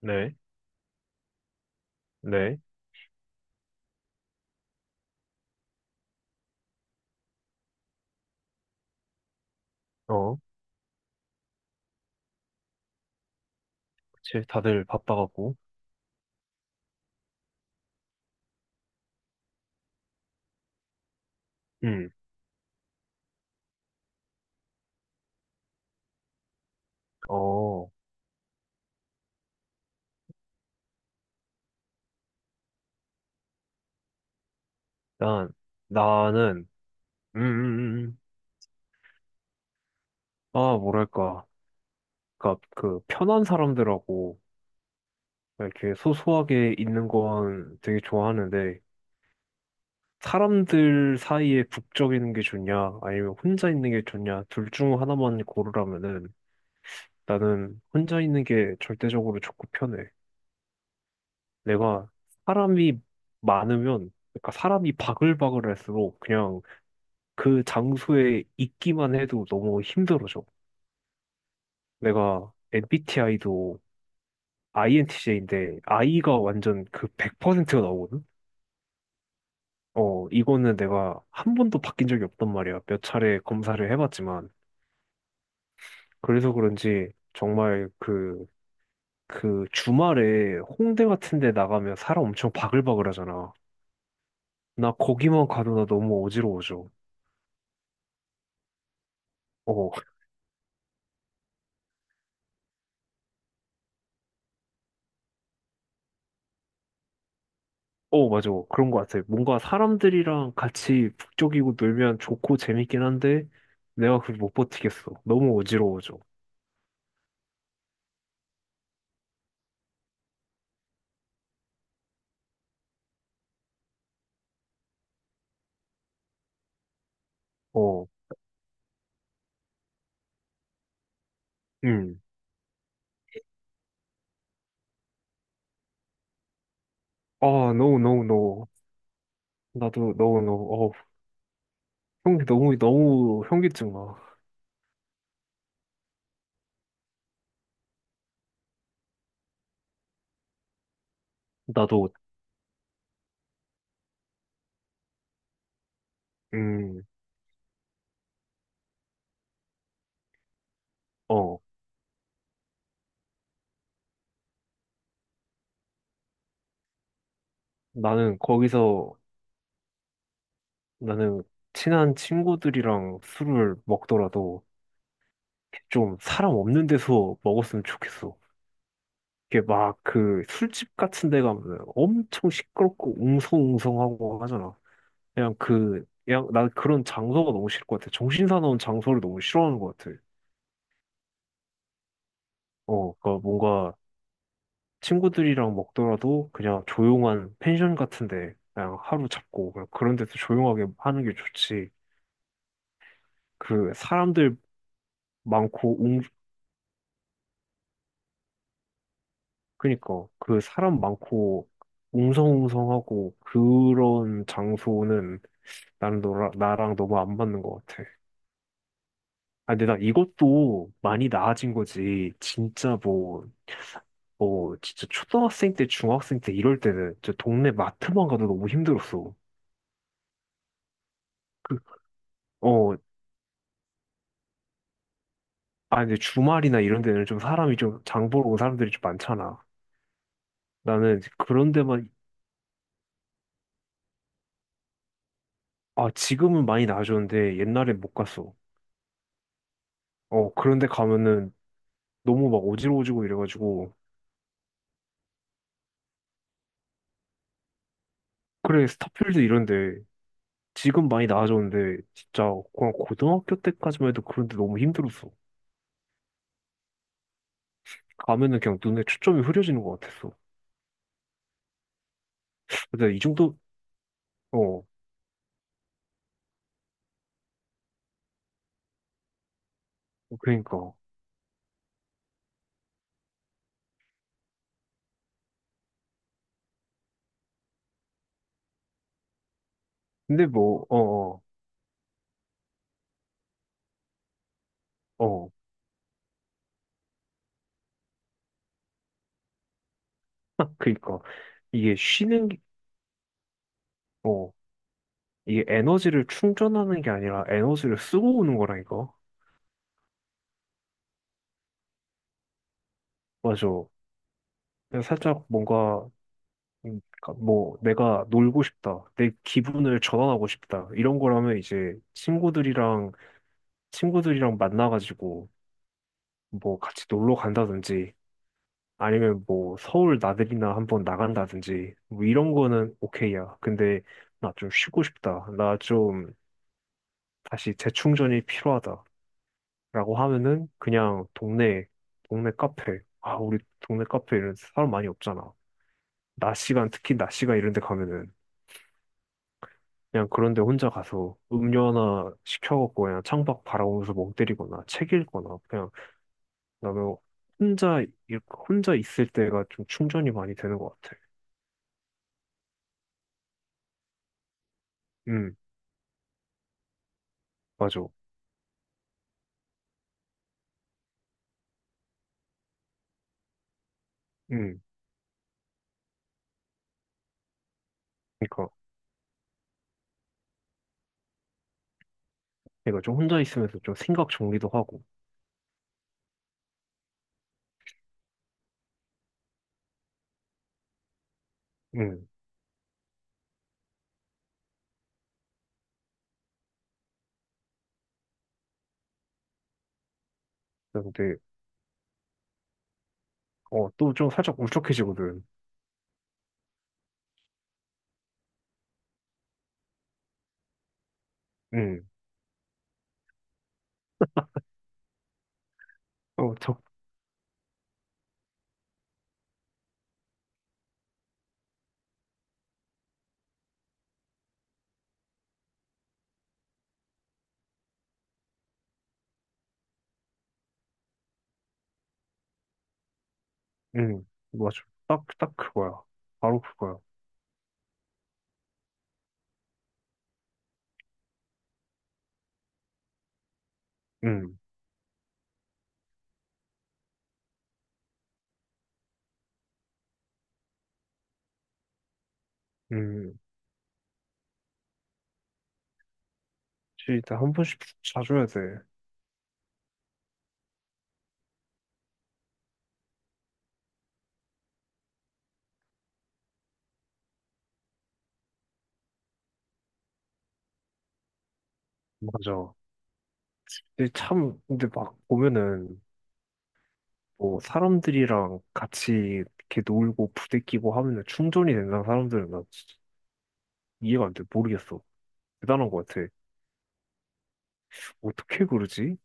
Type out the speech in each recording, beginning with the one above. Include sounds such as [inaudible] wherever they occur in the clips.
네, 네. 어, 그치, 다들 바빠갖고. 음, 어, 난, 나는, 음, 음, 음. 아, 뭐랄까, 그니까, 그, 편한 사람들하고, 이렇게 소소하게 있는 건 되게 좋아하는데, 사람들 사이에 북적이는 게 좋냐, 아니면 혼자 있는 게 좋냐, 둘 중 하나만 고르라면은, 나는 혼자 있는 게 절대적으로 좋고 편해. 내가 사람이 많으면, 그러니까 사람이 바글바글할수록 그냥 그 장소에 있기만 해도 너무 힘들어져. 내가 MBTI도 INTJ인데 I가 완전 그 100%가 나오거든? 어, 이거는 내가 한 번도 바뀐 적이 없단 말이야. 몇 차례 검사를 해봤지만. 그래서 그런지 정말 그 주말에 홍대 같은 데 나가면 사람 엄청 바글바글 하잖아. 나 거기만 가도 나 너무 어지러워져. 어, 어, 맞아. 그런 것 같아. 뭔가 사람들이랑 같이 북적이고 놀면 좋고 재밌긴 한데, 내가 그걸 못 버티겠어. 너무 어지러워져. 어, 음. 아, no, no, no. 나도, no, no. 어, 형기 너무, 너무 현기증 나. 나도. 음. 어. 나는 거기서, 나는 친한 친구들이랑 술을 먹더라도 좀 사람 없는 데서 먹었으면 좋겠어. 이게 막 그 술집 같은 데 가면 엄청 시끄럽고 웅성웅성하고 하잖아. 그냥 난 그런 장소가 너무 싫을 것 같아. 정신 사나운 장소를 너무 싫어하는 것 같아. 어, 그러니까 뭔가 친구들이랑 먹더라도 그냥 조용한 펜션 같은 데 그냥 하루 잡고 그냥 그런 데서 조용하게 하는 게 좋지. 그 사람들 많고 웅, 그니까 그 사람 많고 웅성웅성하고 그런 장소는 나랑 너무 안 맞는 것 같아. 아, 근데 나 이것도 많이 나아진 거지. 진짜 뭐, 뭐, 진짜 초등학생 때, 중학생 때 이럴 때는 진짜 동네 마트만 가도 너무 힘들었어. 그, 어, 아, 근데 주말이나 이런 데는 좀 사람이 좀, 장 보러 온 사람들이 좀 많잖아. 나는 이제 그런 데만. 아, 지금은 많이 나아졌는데 옛날에 못 갔어. 어, 그런 데 가면은 너무 막 어지러워지고 이래가지고. 그래, 스타필드 이런 데 지금 많이 나아졌는데 진짜 그냥 고등학교 때까지만 해도 그런 데 너무 힘들었어. 가면은 그냥 눈에 초점이 흐려지는 것 같았어. 근데 이 정도, 어, 그러니까. 근데 뭐, 어, 어, 어. [laughs] 그러니까. 이게 쉬는, 게- 어, 이게 에너지를 충전하는 게 아니라 에너지를 쓰고 오는 거라니까. 맞아. 그냥 살짝 뭔가, 그러니까 뭐, 내가 놀고 싶다. 내 기분을 전환하고 싶다. 이런 거라면 이제 친구들이랑 만나가지고 뭐 같이 놀러 간다든지 아니면 뭐 서울 나들이나 한번 나간다든지 뭐 이런 거는 오케이야. 근데 나 좀 쉬고 싶다. 나 좀 다시 재충전이 필요하다라고 하면은 그냥 동네 카페. 아, 우리 동네 카페 이런 데 사람 많이 없잖아. 낮 시간 특히 낮 시간 이런 데 가면은 그냥 그런 데 혼자 가서 음료 하나 시켜갖고 그냥 창밖 바라보면서 멍 때리거나 책 읽거나 그냥 나는 혼자 일- 혼자 있을 때가 좀 충전이 많이 되는 것 같아. 음, 맞아. 음. 그러니까 내가 좀 혼자 있으면서 좀 생각 정리도 하고, 음, 근데 어 또 좀 살짝 울적해지거든. 음, 어, 저, 맞아, 딱 딱 그거야, 바로 그거야. 음, 음, 진짜 한 번씩 자줘야 돼. 맞아. 근데 막 보면은 뭐 사람들이랑 같이 이렇게 놀고 부대끼고 하면은 충전이 된다는 사람들은 나 진짜 이해가 안 돼, 모르겠어. 대단한 것 같아. 어떻게 그러지?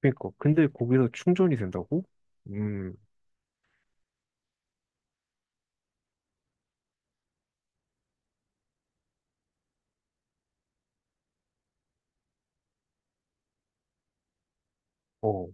그러니까 근데 거기서 충전이 된다고? 음. 어,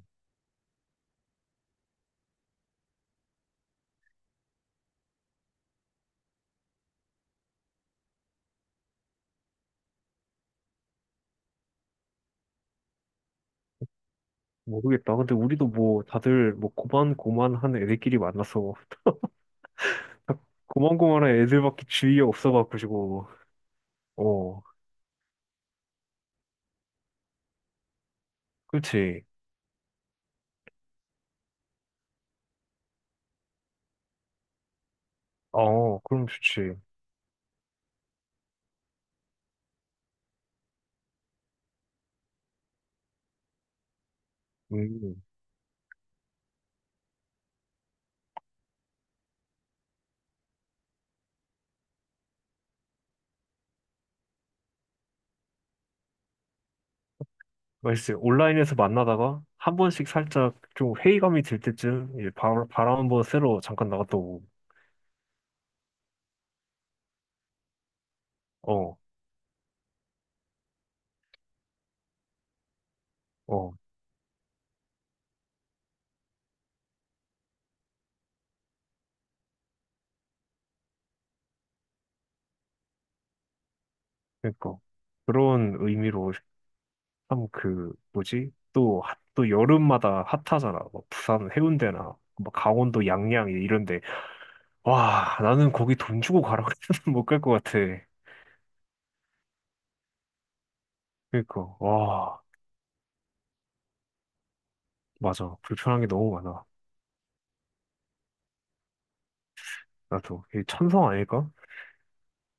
모르겠다. 근데 우리도 뭐 다들 뭐 고만고만한 애들끼리 만나서 딱 고만고만한 애들밖에 주위에 없어가지고. 어, 그렇지. 어, 그럼 좋지. 음, 글쎄 온라인에서 만나다가 한 번씩 살짝 좀 회의감이 들 때쯤 이제 바람 한번 쐬러 잠깐 나갔다 오고. 어, 어, 그러니까 그런 의미로 참 그 뭐지? 또 여름마다 핫하잖아. 뭐 부산 해운대나 뭐 강원도 양양 이런데. 와, 나는 거기 돈 주고 가라 그랬으면 [laughs] 못 갈 것 같아. 그니까, 와, 맞아. 불편한 게 너무 많아. 나도. 이 천성 아닐까?